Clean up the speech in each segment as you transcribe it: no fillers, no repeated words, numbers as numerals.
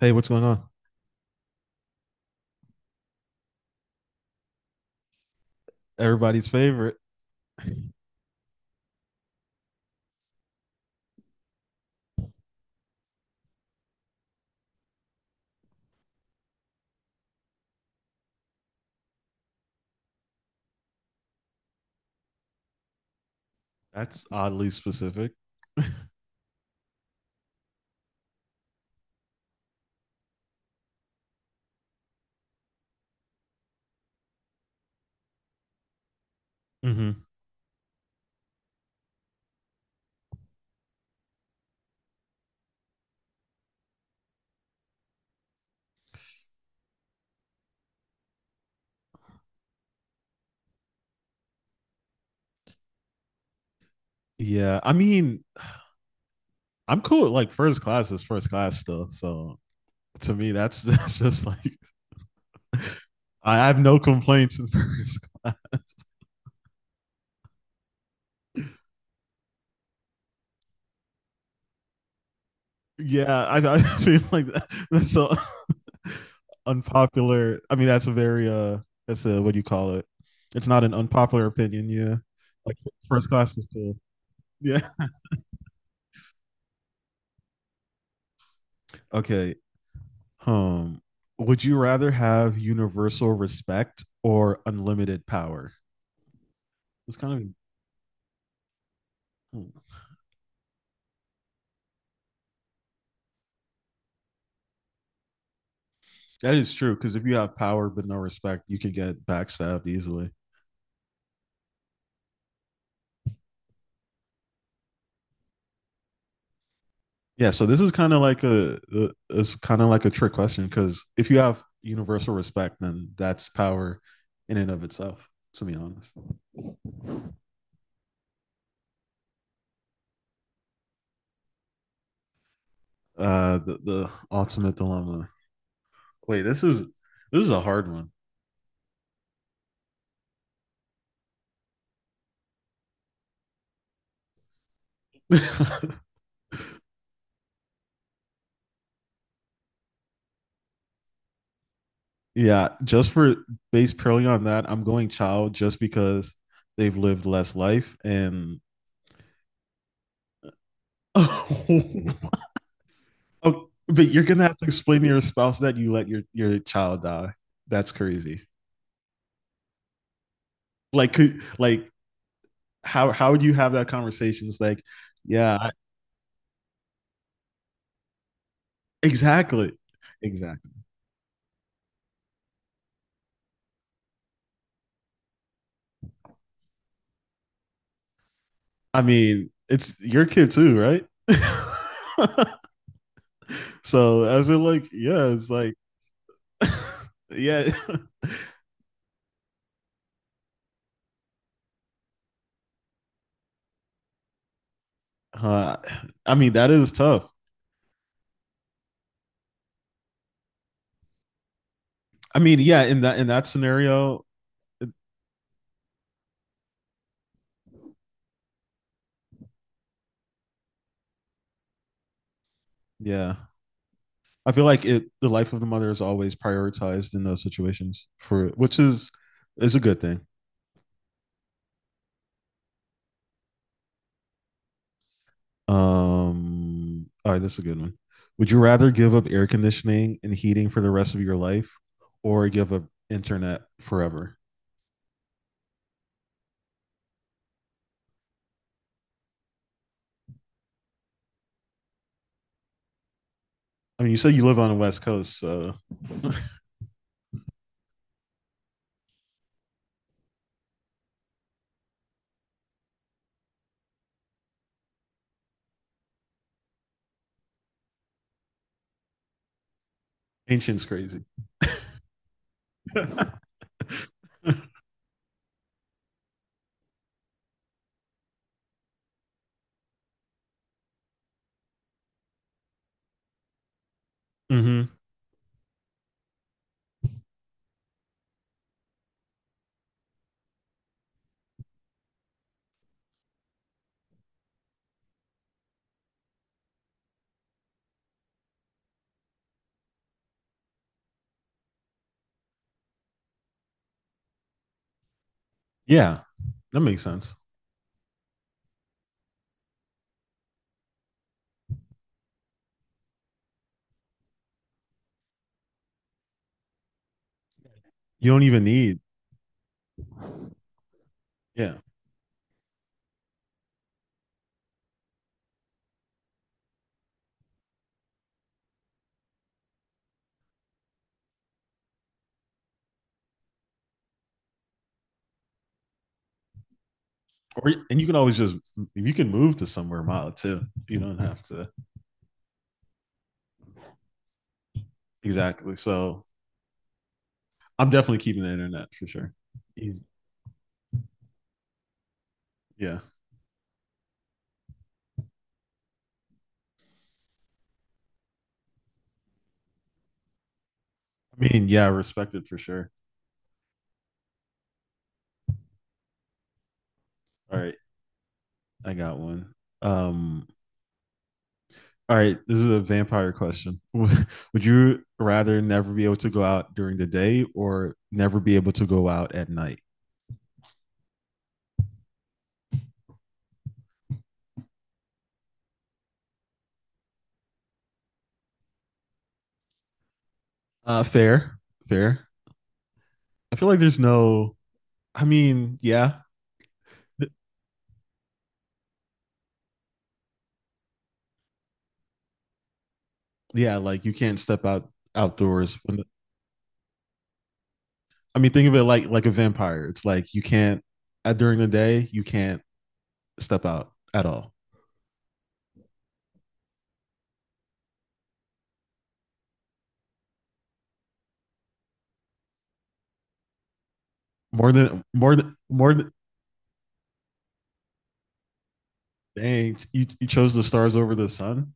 Hey, what's going on? Everybody's favorite. That's oddly specific. Hmm. Yeah, I mean, I'm cool with, like, first class is first class still. So to me, that's that's just like. I have no complaints in first class. Yeah, I feel like that's so unpopular. I mean, that's a very that's a what do you call it? It's not an unpopular opinion. Yeah, like first class is cool. Yeah. Okay. Um, would you rather have universal respect or unlimited power? It's kind of. Hmm. That is true because if you have power but no respect, you can get backstabbed easily. Yeah, so this is kind of like a- it's kind of like a trick question because if you have universal respect, then that's power in and of itself. To be honest, the ultimate dilemma. Wait, this is a hard one. Yeah, just for based purely on that, I'm going child just because they've lived less life, and oh, but you're gonna have to explain to your spouse that you let your child die. That's crazy. Like could like how would you have that conversation? It's like, yeah, exactly. Exactly. I mean, it's your kid too, right? so I've like, yeah, it's like yeah. Uh, I mean, that is tough. I mean, yeah, in that scenario, yeah. I feel like it the life of the mother is always prioritized in those situations, for which is a good thing. All right, this is a good one. Would you rather give up air conditioning and heating for the rest of your life or give up internet forever? I mean, you said you live on the West Coast, so ancient's crazy. Mm-hmm. Yeah, that makes sense. You don't even need, yeah, or and you can always just, you can move to somewhere mild too. You don't have to. Exactly. So I'm definitely keeping the internet for sure. Easy. Yeah, I mean, yeah, I respect it for sure. All right, I got one. Um, all right, this is a vampire question. Would you rather never be able to go out during the day or never be able to go out at night? Fair, fair. I feel like there's no. I mean, yeah, Th- yeah. Like you can't step out outdoors. When the, I mean, think of it like a vampire. It's like you can't during the day. You can't step out at all. More than more than more than dang, you chose the stars over the sun.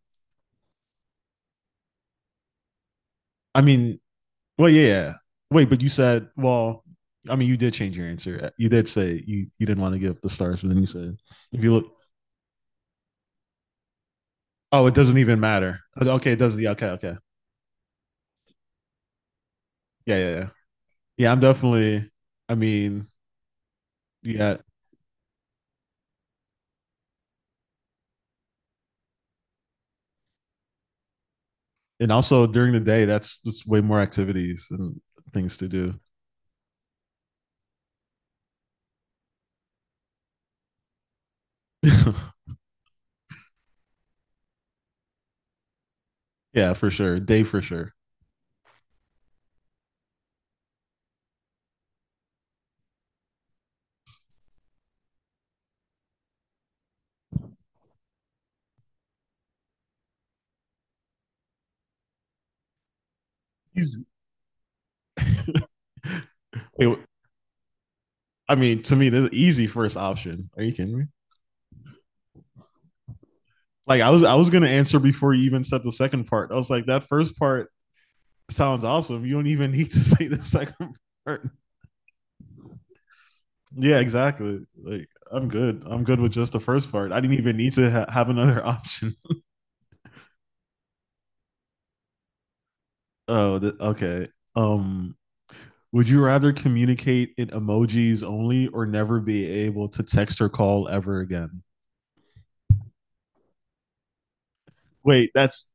I mean, well, yeah, yeah. Wait, but you said well. I mean, you did change your answer. You did say you you didn't want to give up the stars, but then you said if you look, oh, it doesn't even matter. Okay, it doesn't. Yeah, okay, okay. Yeah, yeah, yeah. Yeah, I'm definitely. I mean, yeah, and also during the day, that's just way more activities and things to do. Yeah, for sure. Day for sure. Easy. Wait, I mean, to me, the easy first option. Are you kidding me? Like I was gonna answer before you even said the second part. I was like, that first part sounds awesome. You don't even need to say the second part. Yeah, exactly. Like I'm good. I'm good with just the first part. I didn't even need to have another option. Oh, okay. Um, would you rather communicate in emojis only or never be able to text or call ever again? Wait, that's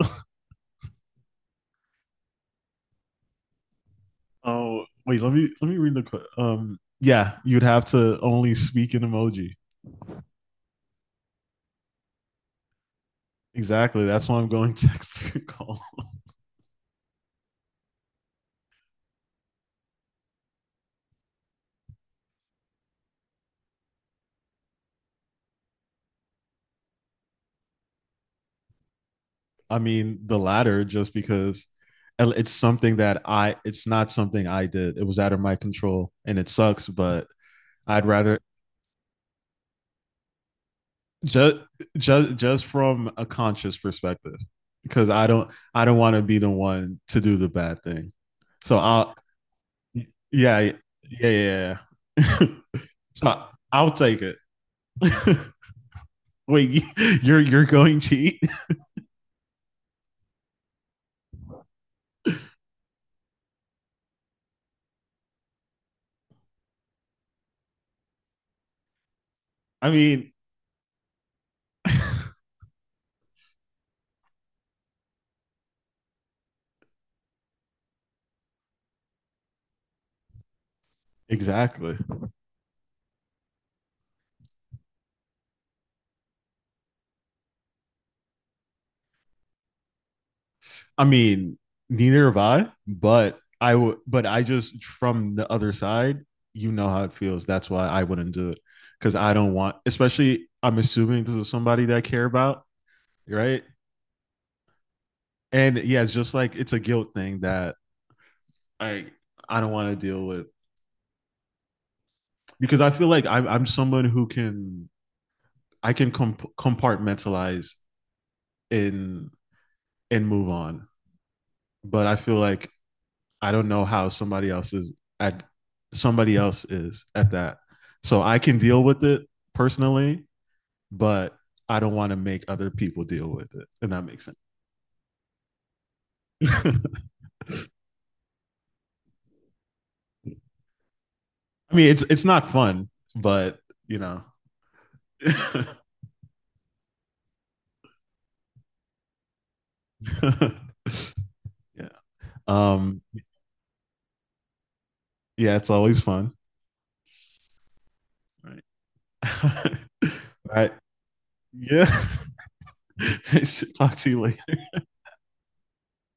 oh wait, let me read the yeah, you'd have to only speak in emoji. Exactly. That's why I'm going text or call. I mean, the latter just because it's something that I it's not something I did. It was out of my control and it sucks, but I'd rather just just from a conscious perspective, because I don't want to be the one to do the bad thing, so I'll yeah, yeah, yeah, yeah. So I'll take it. Wait, you're going cheat. I mean, exactly. I mean, neither have I, but I would but I just from the other side. You know how it feels. That's why I wouldn't do it, because I don't want, especially I'm assuming this is somebody that I care about. Right. And yeah, it's just like it's a guilt thing that I I don't want to deal with, because I feel like I'm someone who can compartmentalize and and move on, but I feel like I don't know how at somebody else is at that. So I can deal with it personally, but I don't want to make other people deal with it. And that makes sense. I mean, it's not fun, but you know, yeah, um, yeah, it's always fun. All right. All right. Yeah. Talk to you later.